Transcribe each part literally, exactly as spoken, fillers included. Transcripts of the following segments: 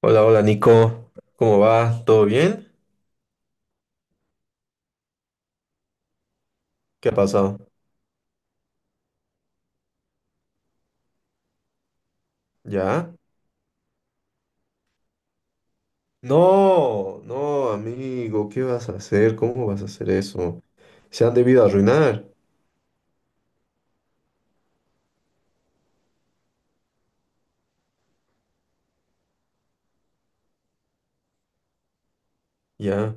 Hola, hola Nico, ¿cómo va? ¿Todo bien? ¿Qué ha pasado? ¿Ya? No, no, amigo, ¿qué vas a hacer? ¿Cómo vas a hacer eso? Se han debido arruinar. Ya,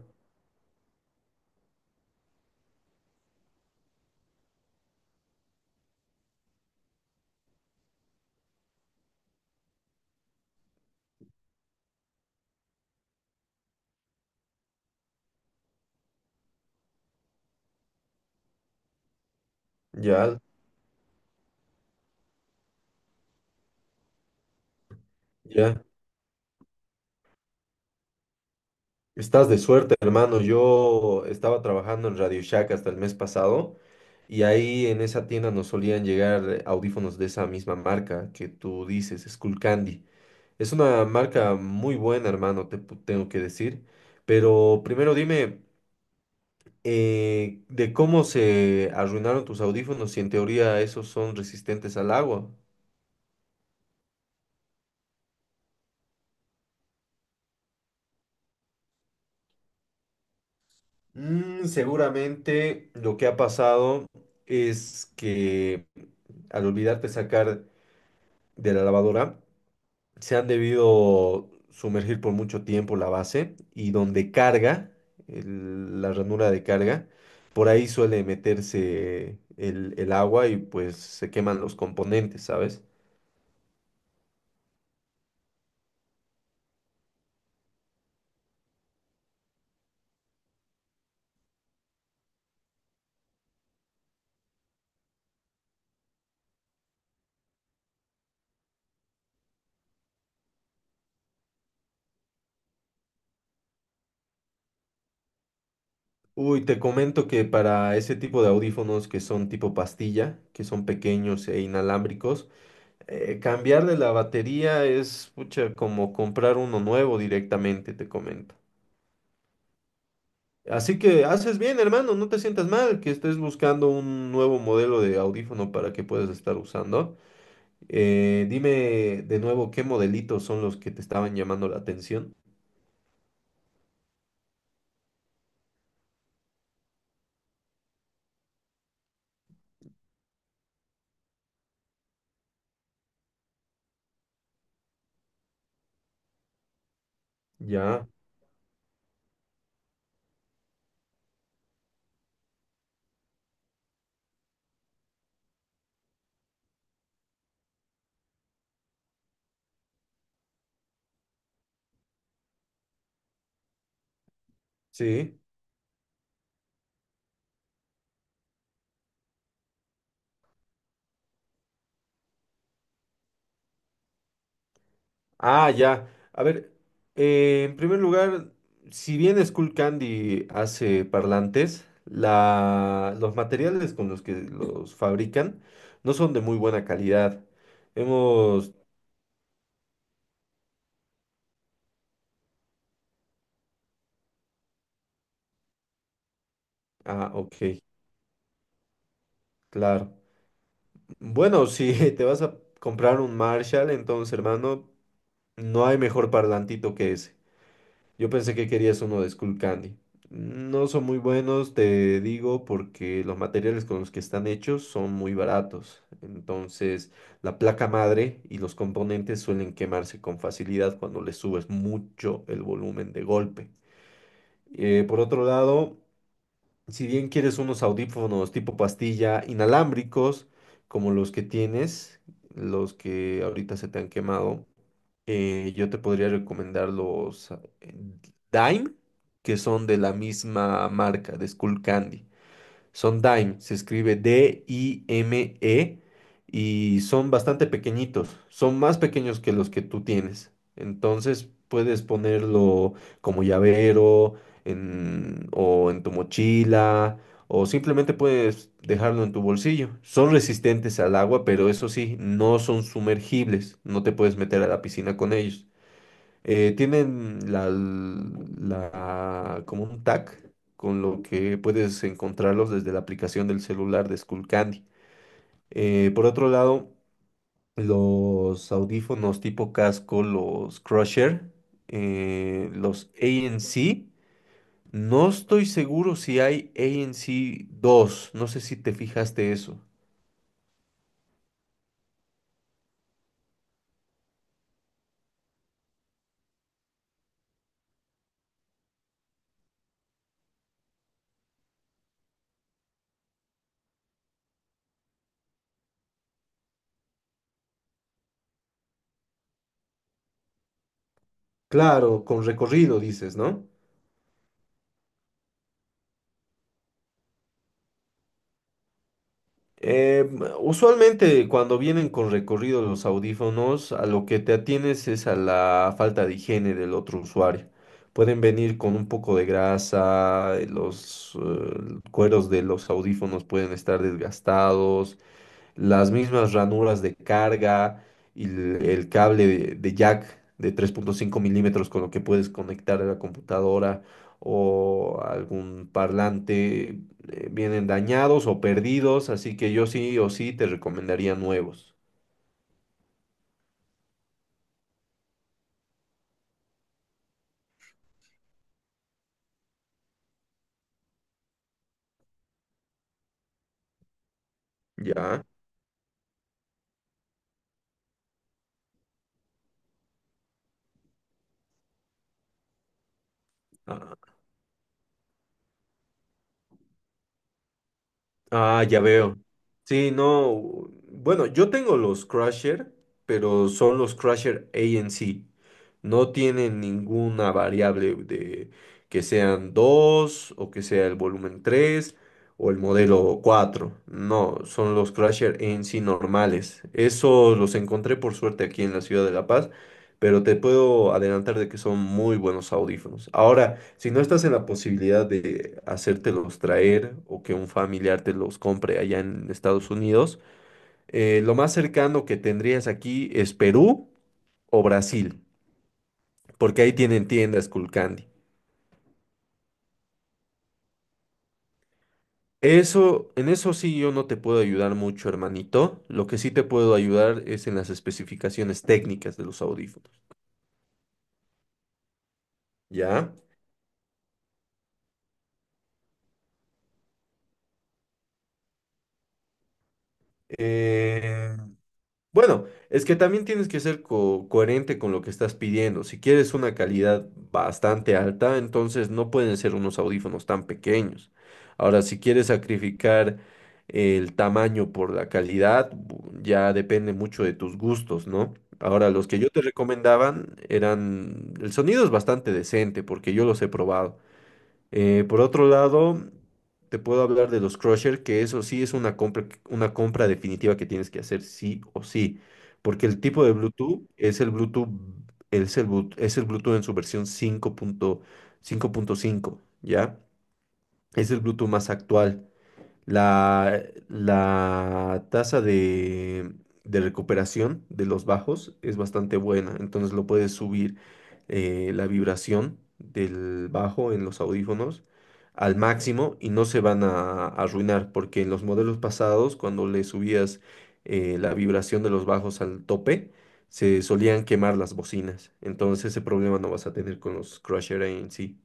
ya, ya. Estás de suerte, hermano. Yo estaba trabajando en Radio Shack hasta el mes pasado y ahí en esa tienda nos solían llegar audífonos de esa misma marca que tú dices, Candy. Es una marca muy buena, hermano, te pu- tengo que decir. Pero primero dime, eh, de cómo se arruinaron tus audífonos si en teoría esos son resistentes al agua. Mm, seguramente lo que ha pasado es que al olvidarte sacar de la lavadora, se han debido sumergir por mucho tiempo la base y donde carga, el- la ranura de carga, por ahí suele meterse el, el agua y pues se queman los componentes, ¿sabes? Uy, te comento que para ese tipo de audífonos que son tipo pastilla, que son pequeños e inalámbricos, eh, cambiarle la batería es, pucha, como comprar uno nuevo directamente, te comento. Así que haces bien, hermano, no te sientas mal que estés buscando un nuevo modelo de audífono para que puedas estar usando. Eh, Dime de nuevo qué modelitos son los que te estaban llamando la atención. Ya, sí. Ah, ya. A ver, eh, en primer lugar, si bien Candy hace parlantes, la, los materiales con los que los fabrican no son de muy buena calidad. Hemos. Ah, ok, claro. Bueno, si te vas a comprar un Marshall, entonces, hermano, no hay mejor parlantito que ese. Yo pensé que querías uno de Candy. No son muy buenos, te digo, porque los materiales con los que están hechos son muy baratos. Entonces, la placa madre y los componentes suelen quemarse con facilidad cuando le subes mucho el volumen de golpe. Eh, por otro lado, si bien quieres unos audífonos tipo pastilla inalámbricos, como los que tienes, los que ahorita se te han quemado, eh, yo te podría recomendar los eh, Dime, que son de la misma marca, de Skullcandy. Son Dime, se escribe D-I-M-E y son bastante pequeñitos, son más pequeños que los que tú tienes. Entonces puedes ponerlo como llavero en- o en tu mochila o simplemente puedes dejarlo en tu bolsillo. Son resistentes al agua, pero eso sí, no son sumergibles, no te puedes meter a la piscina con ellos. Eh, tienen la, la, como un tag con lo que puedes encontrarlos desde la aplicación del celular de Skullcandy. Eh, por otro lado, los audífonos tipo casco, los Crusher, eh, los A N C, no estoy seguro si hay A N C dos. No sé si te fijaste eso. Claro, con recorrido dices, ¿no? Eh, Usualmente cuando vienen con recorrido los audífonos, a lo que te atienes es a la falta de higiene del otro usuario. Pueden venir con un poco de grasa, eh, los eh, cueros de los audífonos pueden estar desgastados, las mismas ranuras de carga y el, el cable de, de jack de tres punto cinco milímetros con lo que puedes conectar a la computadora o algún parlante eh, vienen dañados o perdidos, así que yo sí o sí te recomendaría nuevos, ¿ya? Ah. Ah, ya veo. Sí, no. Bueno, yo tengo los Crusher, pero son los Crusher A N C. No tienen ninguna variable de que sean dos o que sea el volumen tres o el modelo cuatro. No, son los Crusher A N C normales. Eso los encontré por suerte aquí en la ciudad de La Paz, pero te puedo adelantar de que son muy buenos audífonos. Ahora, si no estás en la posibilidad de hacértelos traer o que un familiar te los compre allá en Estados Unidos, eh, lo más cercano que tendrías aquí es Perú o Brasil, porque ahí tienen tiendas Kulcandi. Eso, en eso sí yo no te puedo ayudar mucho, hermanito. Lo que sí te puedo ayudar es en las especificaciones técnicas de los audífonos, ¿ya? Eh, Bueno, es que también tienes que ser co- coherente con lo que estás pidiendo. Si quieres una calidad bastante alta, entonces no pueden ser unos audífonos tan pequeños. Ahora, si quieres sacrificar el tamaño por la calidad, bu- ya depende mucho de tus gustos, ¿no? Ahora, los que yo te recomendaban eran, el sonido es bastante decente porque yo los he probado. Eh, por otro lado, te puedo hablar de los Crusher, que eso sí es una compra, que- una compra definitiva que tienes que hacer sí o sí, porque el tipo de Bluetooth es el Bluetooth, es el, Blu- es el Bluetooth en su versión cinco cinco punto cinco punto cinco, ¿ya? Es el Bluetooth más actual. La, la tasa de, de recuperación de los bajos es bastante buena, entonces lo puedes subir eh, la vibración del bajo en los audífonos al máximo y no se van a, arruinar, porque en los modelos pasados, cuando le subías eh, la vibración de los bajos al tope, se solían quemar las bocinas. Entonces ese problema no vas a tener con los Crusher en sí.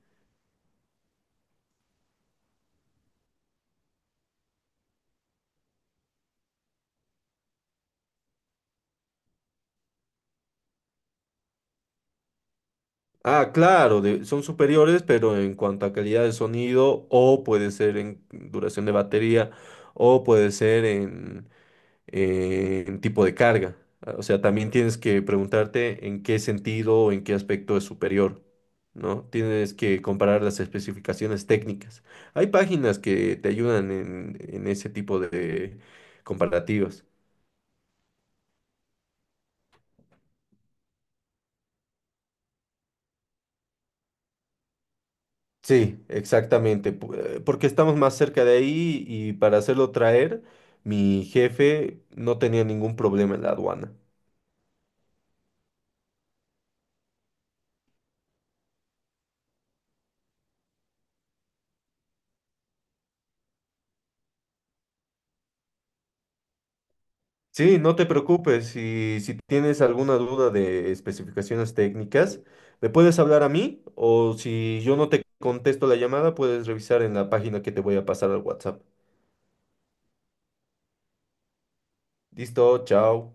Ah, claro, de- son superiores, pero en cuanto a calidad de sonido, o puede ser en duración de batería, o puede ser en, en tipo de carga. Ah, o sea, también tienes que preguntarte en qué sentido o en qué aspecto es superior, ¿no? Tienes que comparar las especificaciones técnicas. Hay páginas que te ayudan en, en ese tipo de comparativas. Sí, exactamente, pu- eh, porque estamos más cerca de ahí y para hacerlo traer, mi jefe no tenía ningún problema en la aduana. Sí, no te preocupes, si, si tienes alguna duda de especificaciones técnicas, me puedes hablar a mí o si yo no te contesto la llamada, puedes revisar en la página que te voy a pasar al WhatsApp. Listo, chao.